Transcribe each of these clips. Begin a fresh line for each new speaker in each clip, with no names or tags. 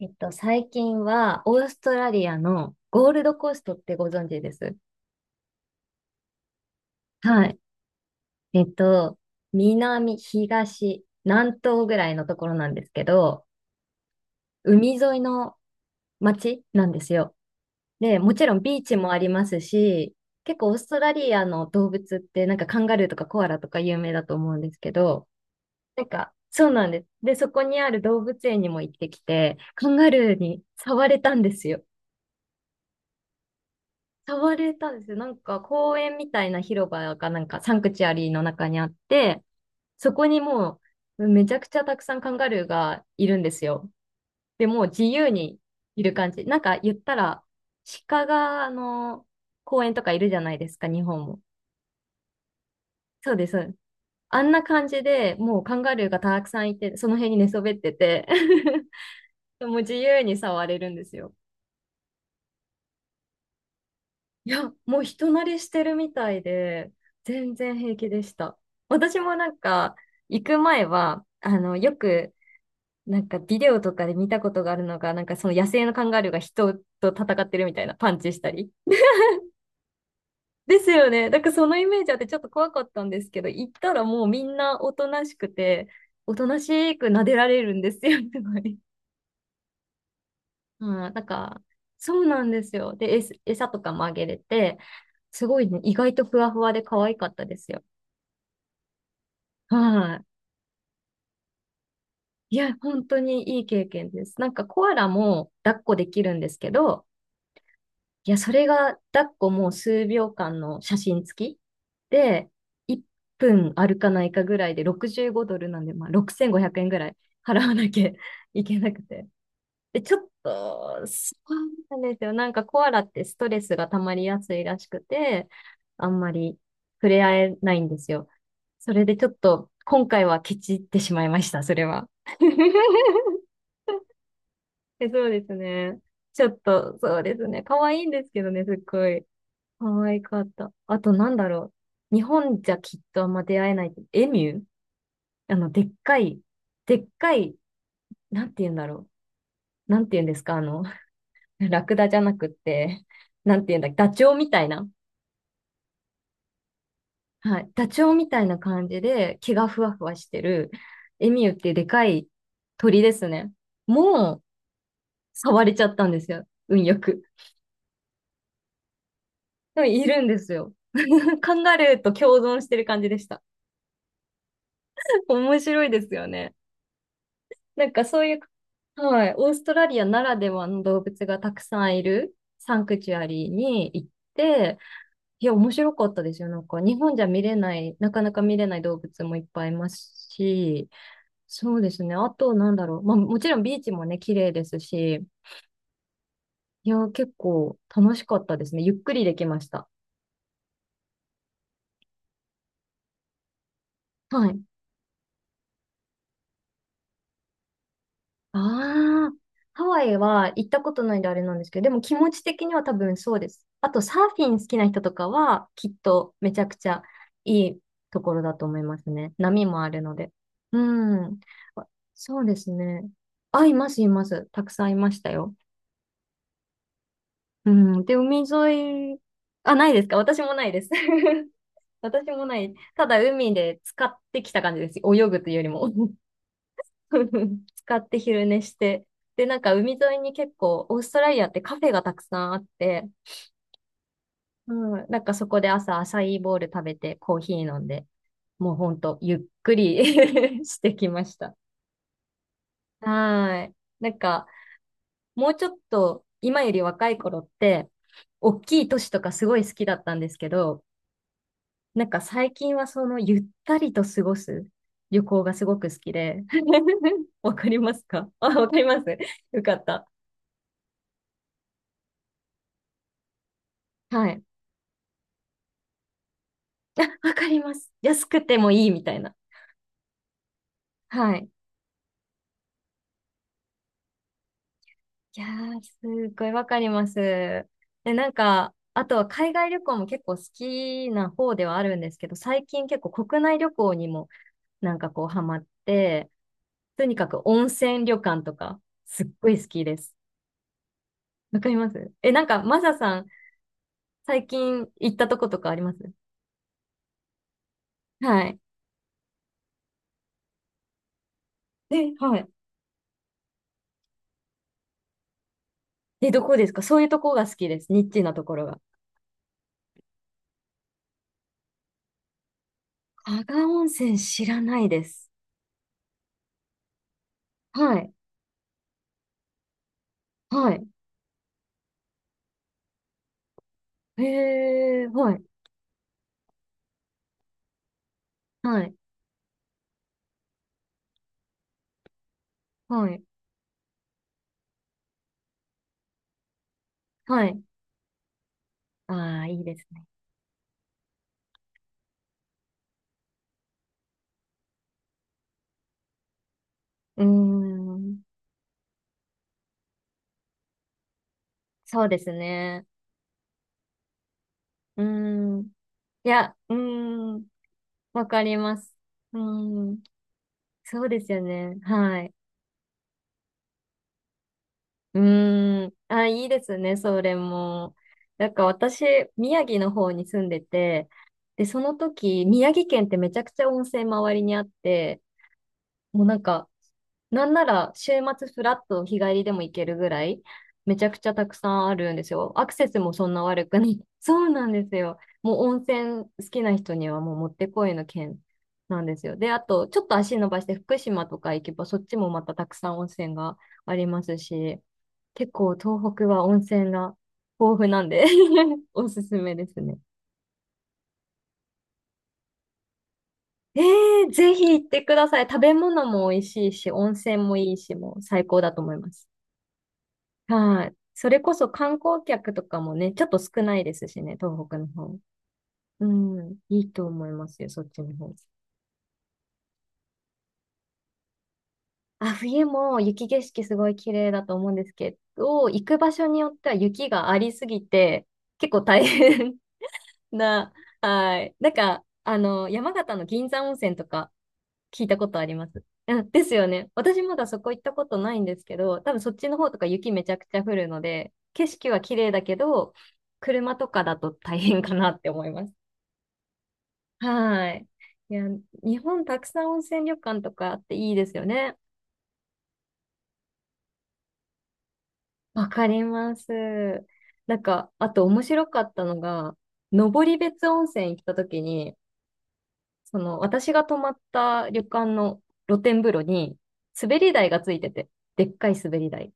最近は、オーストラリアのゴールドコーストってご存知です。はい。えっと、南、東、南東ぐらいのところなんですけど、海沿いの街なんですよ。で、もちろんビーチもありますし、結構オーストラリアの動物ってなんかカンガルーとかコアラとか有名だと思うんですけど、なんか、そうなんです。で、そこにある動物園にも行ってきて、カンガルーに触れたんですよ。触れたんですよ。なんか公園みたいな広場がなんかサンクチュアリーの中にあって、そこにもうめちゃくちゃたくさんカンガルーがいるんですよ。で、もう自由にいる感じ。なんか言ったら、鹿があの公園とかいるじゃないですか、日本も。そうです。そうです。あんな感じでもうカンガルーがたくさんいて、その辺に寝そべってて もう自由に触れるんですよ。いや、もう人慣れしてるみたいで、全然平気でした。私もなんか、行く前は、よく、なんかビデオとかで見たことがあるのが、なんかその野生のカンガルーが人と戦ってるみたいな、パンチしたり。ですよね。だからそのイメージあってちょっと怖かったんですけど、行ったらもうみんなおとなしくて、おとなしく撫でられるんですよね、すごい。うん、なんか、そうなんですよ。で、餌とかもあげれて、すごいね、意外とふわふわで可愛かったですよ。はい。いや、本当にいい経験です。なんかコアラも抱っこできるんですけど、いや、それが抱っこもう数秒間の写真付きで、1分歩かないかぐらいで65ドルなんで、まあ、6500円ぐらい払わなきゃ いけなくて。で、ちょっと、そうなんですよ。なんかコアラってストレスが溜まりやすいらしくて、あんまり触れ合えないんですよ。それでちょっと今回はケチってしまいました、それは。え、そうですね。ちょっと、そうですね。可愛いんですけどね、すっごい。可愛かった。あと、なんだろう。日本じゃきっとあんま出会えない。エミュー、でっかい、でっかい、なんて言うんだろう。なんて言うんですか、ラクダじゃなくって、なんて言うんだっけ、ダチョウみたいな。はい。ダチョウみたいな感じで、毛がふわふわしてる、エミューっていうでかい鳥ですね。もう、触れちゃったんですよ。運よく。でもいるんですよ。カンガルーと共存してる感じでした。面白いですよね。なんかそういう、はい、オーストラリアならではの動物がたくさんいるサンクチュアリーに行って、いや、面白かったですよ。なんか日本じゃ見れない、なかなか見れない動物もいっぱいいますし、そうですね。あと、なんだろう。まあ、もちろんビーチもね、綺麗ですし、いや、結構楽しかったですね。ゆっくりできました。はい。ああ、ハワイは行ったことないんであれなんですけど、でも気持ち的には多分そうです。あとサーフィン好きな人とかはきっとめちゃくちゃいいところだと思いますね。波もあるので。うん。あ、そうですね。あ、います、います。たくさんいましたよ。うん。で、海沿い、あ、ないですか、私もないです。私もない。ただ海で使ってきた感じです。泳ぐというよりも。使って昼寝して。で、なんか海沿いに結構、オーストラリアってカフェがたくさんあって、うん、なんかそこで朝アサイーボウル食べてコーヒー飲んで、もうほんとゆっくり してきました。はーい。なんか、もうちょっと今より若い頃って、大きい都市とかすごい好きだったんですけど、なんか最近はそのゆったりと過ごす旅行がすごく好きで。わかりますか、あ、わかります。よかった。はい。あ、わかります。安くてもいいみたいな。はい。いやー、すっごいわかります。で、なんか、あとは海外旅行も結構好きな方ではあるんですけど、最近結構国内旅行にもなんかこうハマって、とにかく温泉旅館とか、すっごい好きです。わかります。え、なんか、マサさん、最近行ったとことかあります？はい。え、はい。え、どこですか？そういうとこが好きです。ニッチなところが。加賀温泉知らないです。はい。はい。へえ、はい、はい、はい、はい。ああ、いいですね。うーん、そうですね。うーん、いや、うーん、わかります。うーん、そうですよね。はい。うーん、あ、いいですね、それも。なんか私、宮城の方に住んでて、で、その時、宮城県ってめちゃくちゃ温泉周りにあって、もうなんか、なんなら週末フラッと日帰りでも行けるぐらい、めちゃくちゃたくさんあるんですよ。アクセスもそんな悪くない。そうなんですよ。もう温泉好きな人にはもうもってこいの県なんですよ。で、あと、ちょっと足伸ばして福島とか行けば、そっちもまたたくさん温泉がありますし、結構東北は温泉が豊富なんで おすすめですね。えー、ぜひ行ってください。食べ物も美味しいし、温泉もいいし、もう最高だと思います。はい。それこそ観光客とかもね、ちょっと少ないですしね、東北の方。うん、いいと思いますよ、そっちの方。あ、冬も雪景色すごい綺麗だと思うんですけど、行く場所によっては雪がありすぎて、結構大変 な、はい。なんか、山形の銀山温泉とか、聞いたことあります。うんですよね。私まだそこ行ったことないんですけど、多分そっちの方とか雪めちゃくちゃ降るので、景色は綺麗だけど、車とかだと大変かなって思います。はい。いや、日本たくさん温泉旅館とかあっていいですよね。わかります。なんか、あと面白かったのが、登別温泉行った時に、その私が泊まった旅館の露天風呂に滑り台がついてて、でっかい滑り台。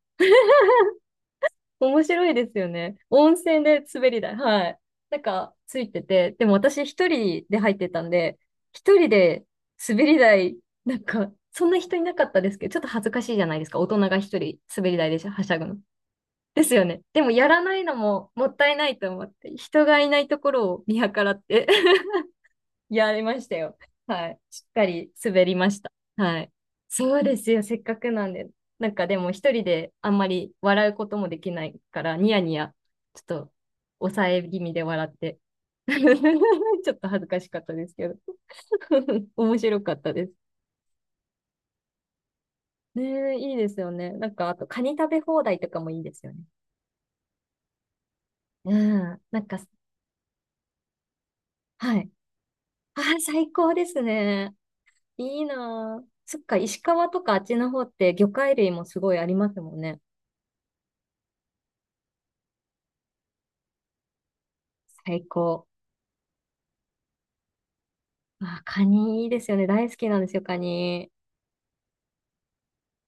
面白いですよね。温泉で滑り台。はい。なんか、ついてて。でも私一人で入ってたんで、一人で滑り台、なんか、そんな人いなかったですけど、ちょっと恥ずかしいじゃないですか。大人が一人滑り台ではしゃぐの。ですよね。でもやらないのももったいないと思って、人がいないところを見計らってやりましたよ。はい。しっかり滑りました。はい。そうですよ。せっかくなんで。なんかでも一人であんまり笑うこともできないから、ニヤニヤ、ちょっと抑え気味で笑って。ちょっと恥ずかしかったですけど。面白かったです。ねえ、いいですよね。なんか、あと、カニ食べ放題とかもいいですよね。うん。なんか、はい。ああ、最高ですね。いいなあ。そっか、石川とかあっちの方って魚介類もすごいありますもんね。最高。あ、カニいいですよね。大好きなんですよ、カニ。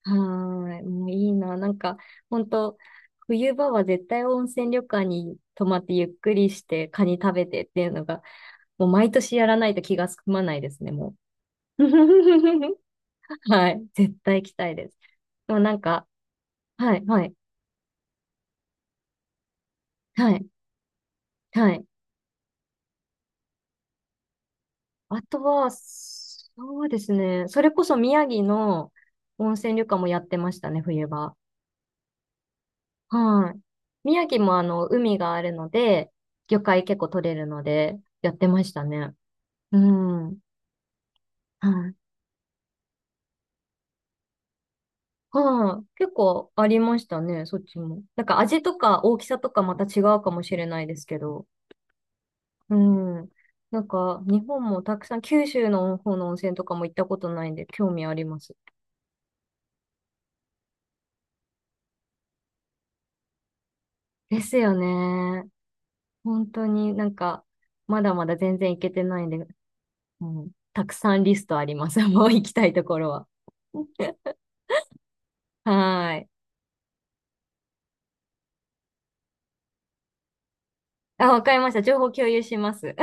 はーい。もういいな。なんか、本当冬場は絶対温泉旅館に泊まってゆっくりしてカニ食べてっていうのが、もう毎年やらないと気が済まないですね、もう。はい。絶対行きたいです。でもなんか、はい、はい、はい、はい。あとは、そうですね。それこそ宮城の温泉旅館もやってましたね、冬場。はい。宮城もあの、海があるので、魚介結構取れるので、やってましたね。うん。はい。はい。結構ありましたね、そっちも。なんか味とか大きさとかまた違うかもしれないですけど。うん。なんか、日本もたくさん、九州の方の温泉とかも行ったことないんで、興味あります。ですよね。本当になんか、まだまだ全然行けてないんで、うん、たくさんリストあります。もう行きたいところは。はーい。あ、わかりました。情報共有します。